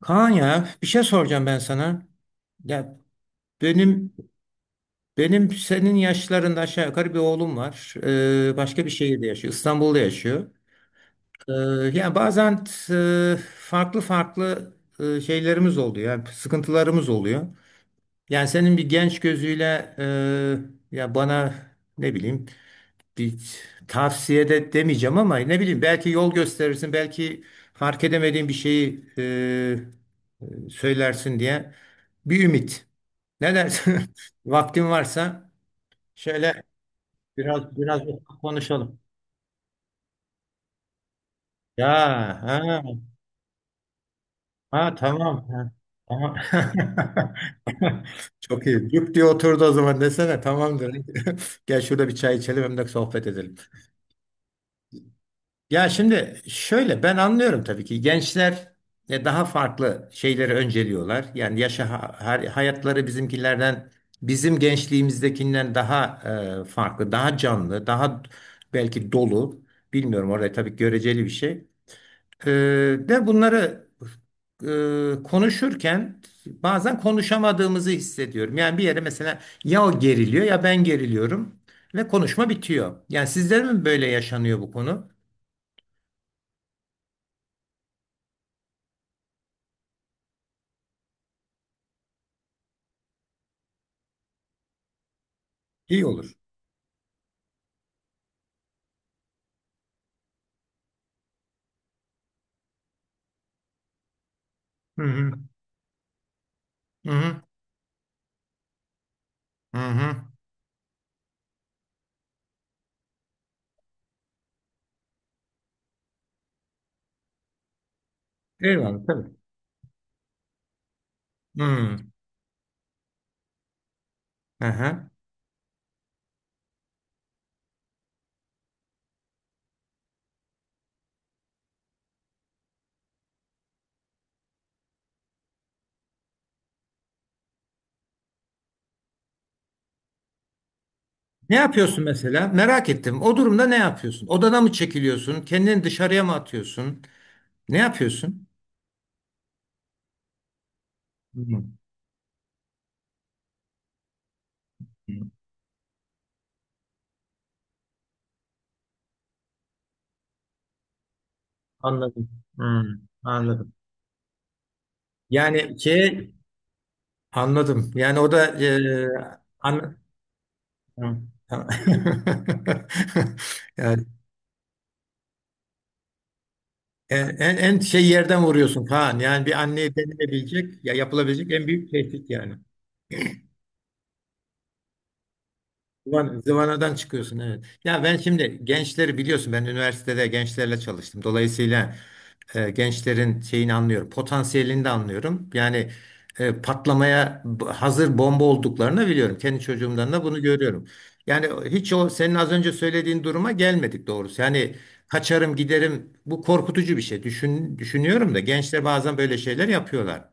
Kaan ya bir şey soracağım ben sana. Ya benim benim senin yaşlarında aşağı yukarı bir oğlum var. Başka bir şehirde yaşıyor. İstanbul'da yaşıyor. Ee, Yani bazen farklı farklı şeylerimiz oluyor. Yani sıkıntılarımız oluyor. Yani senin bir genç gözüyle ya bana ne bileyim bir tavsiye de demeyeceğim ama ne bileyim belki yol gösterirsin belki fark edemediğin bir şeyi söylersin diye bir ümit. Ne dersin? Vaktin varsa şöyle biraz biraz konuşalım. Ya ha, ha tamam. Ha, tamam. Çok iyi. Cuk diye oturdu o zaman desene tamamdır. Gel şurada bir çay içelim hem de sohbet edelim. Ya şimdi şöyle ben anlıyorum tabii ki gençler daha farklı şeyleri önceliyorlar. Yani hayatları bizim gençliğimizdekinden daha farklı, daha canlı, daha belki dolu. Bilmiyorum orada tabii göreceli bir şey. E, de bunları konuşurken bazen konuşamadığımızı hissediyorum. Yani bir yere mesela ya o geriliyor ya ben geriliyorum ve konuşma bitiyor. Yani sizler mi böyle yaşanıyor bu konu? İyi olur. Hı hı. Hı hı. Hı hı. Eyvallah tabii. Hı. Aha. Ne yapıyorsun mesela? Merak ettim. O durumda ne yapıyorsun? Odana mı çekiliyorsun? Kendini dışarıya mı atıyorsun? Ne yapıyorsun? Hı hı. Anladım. Hı. Anladım. Yani şey anladım. Yani o da an, Hı. Tamam. Yani en şey yerden vuruyorsun Kaan. Yani bir anneye denilebilecek ya yapılabilecek en büyük tehdit yani. Zıvanadan çıkıyorsun, evet. Ya ben şimdi gençleri biliyorsun ben üniversitede gençlerle çalıştım. Dolayısıyla gençlerin şeyini anlıyorum. Potansiyelini de anlıyorum. Yani patlamaya hazır bomba olduklarını biliyorum. Kendi çocuğumdan da bunu görüyorum. Yani hiç o senin az önce söylediğin duruma gelmedik doğrusu. Yani kaçarım giderim, bu korkutucu bir şey. Düşünüyorum da gençler bazen böyle şeyler yapıyorlar.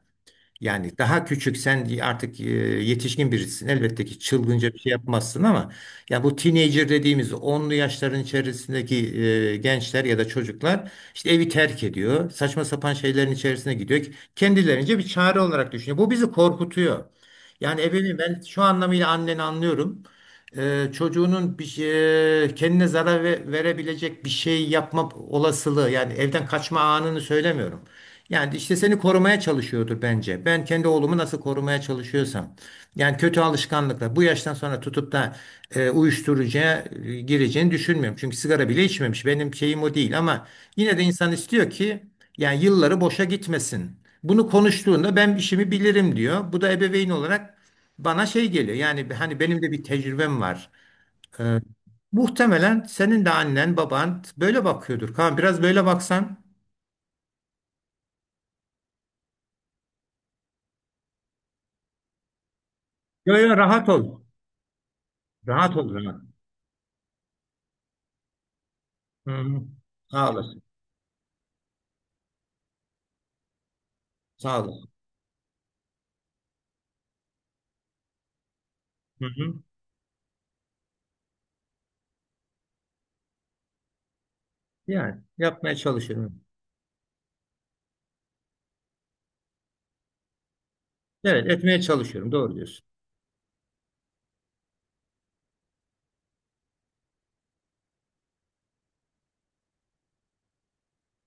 Yani daha küçük, sen artık yetişkin birisin. Elbette ki çılgınca bir şey yapmazsın ama ya bu teenager dediğimiz onlu yaşların içerisindeki gençler ya da çocuklar işte evi terk ediyor. Saçma sapan şeylerin içerisine gidiyor. Kendilerince bir çare olarak düşünüyor. Bu bizi korkutuyor. Yani ebeveyn, ben şu anlamıyla anneni anlıyorum. Çocuğunun kendine zarar verebilecek bir şey yapma olasılığı, yani evden kaçma anını söylemiyorum. Yani işte seni korumaya çalışıyordur bence. Ben kendi oğlumu nasıl korumaya çalışıyorsam. Yani kötü alışkanlıklar. Bu yaştan sonra tutup da uyuşturucuya gireceğini düşünmüyorum. Çünkü sigara bile içmemiş. Benim şeyim o değil ama yine de insan istiyor ki yani yılları boşa gitmesin. Bunu konuştuğunda ben işimi bilirim diyor. Bu da ebeveyn olarak bana şey geliyor. Yani hani benim de bir tecrübem var. E, Muhtemelen senin de annen baban böyle bakıyordur. Kaan, biraz böyle baksan. Yo yo, rahat ol. Rahat ol, rahat. Hı hı. Sağ olasın. Sağ olasın. Hı hı. Yani yapmaya çalışıyorum. Evet, etmeye çalışıyorum. Doğru diyorsun.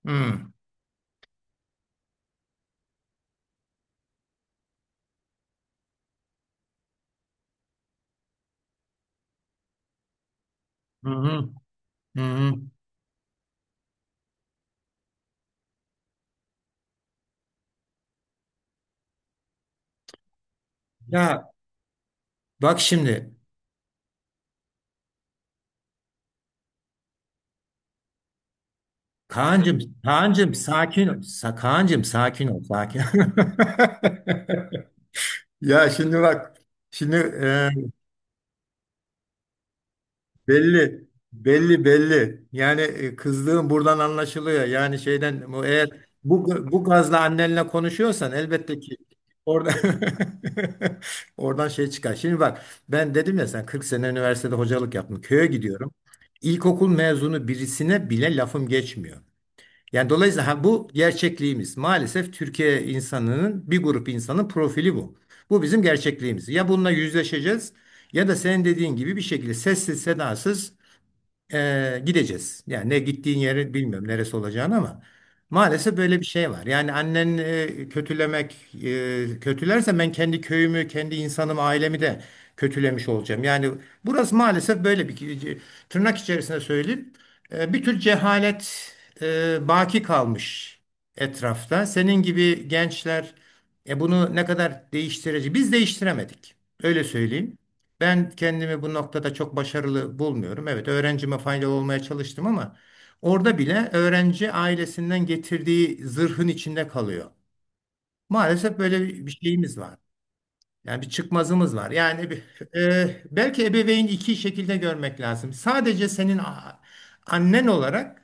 Hmm. Hı hı. Hı hı. Ya bak şimdi, Kaan'cığım, Kaan'cığım, sakin ol. Kaan'cığım, sakin ol, sakin. Ya şimdi bak, şimdi belli, belli, belli. Yani kızdığın buradan anlaşılıyor. Yani şeyden bu, eğer bu bu gazla annenle konuşuyorsan elbette ki orada oradan şey çıkar. Şimdi bak, ben dedim ya, sen 40 sene üniversitede hocalık yaptım. Köye gidiyorum. İlkokul mezunu birisine bile lafım geçmiyor. Yani dolayısıyla, ha, bu gerçekliğimiz. Maalesef Türkiye insanının, bir grup insanın profili bu. Bu bizim gerçekliğimiz. Ya bununla yüzleşeceğiz ya da senin dediğin gibi bir şekilde sessiz sedasız gideceğiz. Yani ne gittiğin yeri bilmiyorum, neresi olacağını, ama maalesef böyle bir şey var. Yani annen kötülerse ben kendi köyümü, kendi insanımı, ailemi de kötülemiş olacağım. Yani burası maalesef böyle bir, tırnak içerisinde söyleyeyim, bir tür cehalet baki kalmış etrafta. Senin gibi gençler bunu ne kadar değiştirici. Biz değiştiremedik. Öyle söyleyeyim. Ben kendimi bu noktada çok başarılı bulmuyorum. Evet, öğrencime faydalı olmaya çalıştım ama orada bile öğrenci ailesinden getirdiği zırhın içinde kalıyor. Maalesef böyle bir şeyimiz var. Yani bir çıkmazımız var. Yani belki ebeveyn iki şekilde görmek lazım. Sadece senin annen olarak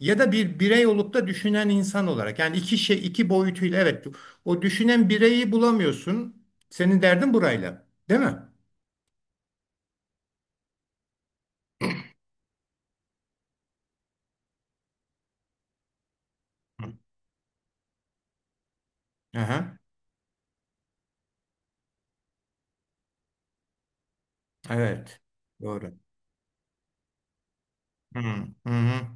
ya da bir birey olup da düşünen insan olarak. Yani iki şey, iki boyutuyla evet. O düşünen bireyi bulamıyorsun. Senin derdin burayla, değil mi? Aha. Evet. Doğru. Hı hı. Hı.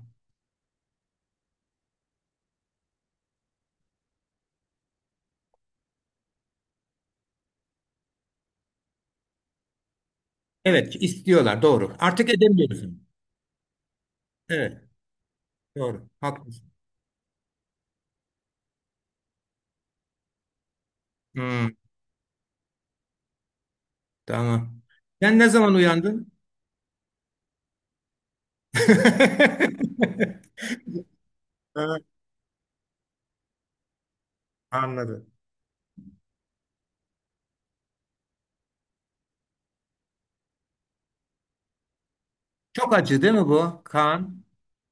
Evet, istiyorlar. Doğru. Artık edemiyoruz. Evet. Doğru. Haklısın. Hı, tamam. Sen ne zaman uyandın? Evet, anladım. Çok acı değil mi bu Kaan?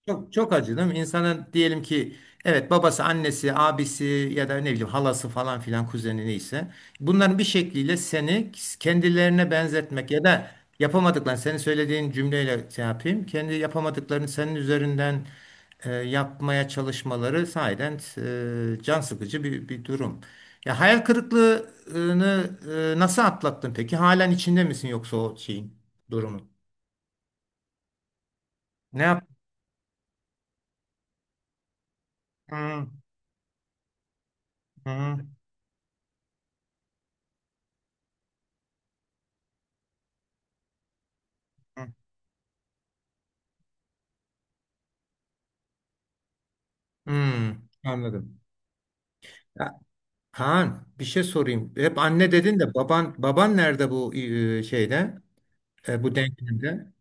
Çok çok acıdım. İnsanın, diyelim ki evet, babası, annesi, abisi ya da ne bileyim, halası, falan filan, kuzeni, neyse bunların bir şekliyle seni kendilerine benzetmek ya da yapamadıklarını, senin söylediğin cümleyle şey yapayım, kendi yapamadıklarını senin üzerinden yapmaya çalışmaları sahiden can sıkıcı bir durum. Ya hayal kırıklığını nasıl atlattın peki? Halen içinde misin yoksa o şeyin, durumun? Ne yaptın? Hı, hı, hı. Hmm, anladım. Ya, Kaan, bir şey sorayım. Hep anne dedin de baban nerede bu şeyde? Bu denklemde?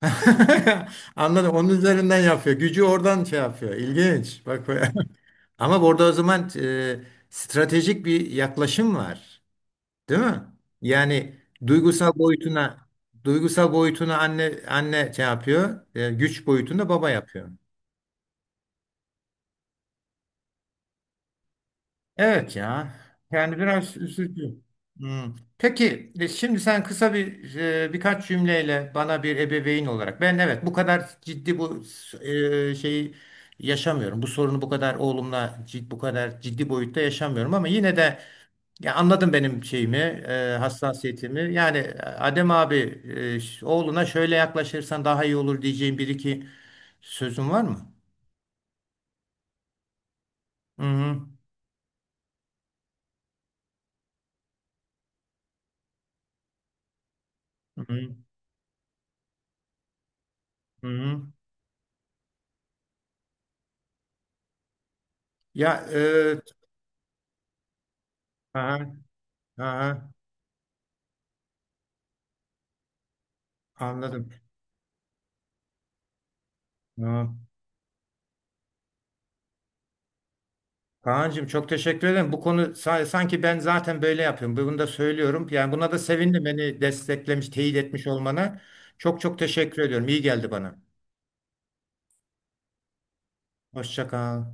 Anladım. Onun üzerinden yapıyor. Gücü oradan şey yapıyor. İlginç. Bak be. Ama burada o zaman stratejik bir yaklaşım var. Değil mi? Yani duygusal boyutuna duygusal boyutuna anne şey yapıyor. Güç boyutunda baba yapıyor. Evet ya. Yani biraz üzücü. Hmm. Peki şimdi sen kısa birkaç cümleyle bana bir ebeveyn olarak, ben, evet, bu kadar ciddi bu şeyi yaşamıyorum. Bu sorunu bu kadar oğlumla cid, bu kadar ciddi boyutta yaşamıyorum ama yine de ya anladın benim şeyimi, hassasiyetimi. Yani Adem abi, oğluna şöyle yaklaşırsan daha iyi olur diyeceğim bir iki sözün var mı? Hı hı. Hı hı. Hı hı. Ya, aha, aha. Anladım. Tamam. Kaan'cığım, çok teşekkür ederim. Bu konu sanki ben zaten böyle yapıyorum. Bunu da söylüyorum. Yani buna da sevindim, beni desteklemiş, teyit etmiş olmana. Çok çok teşekkür ediyorum. İyi geldi bana. Hoşça kal.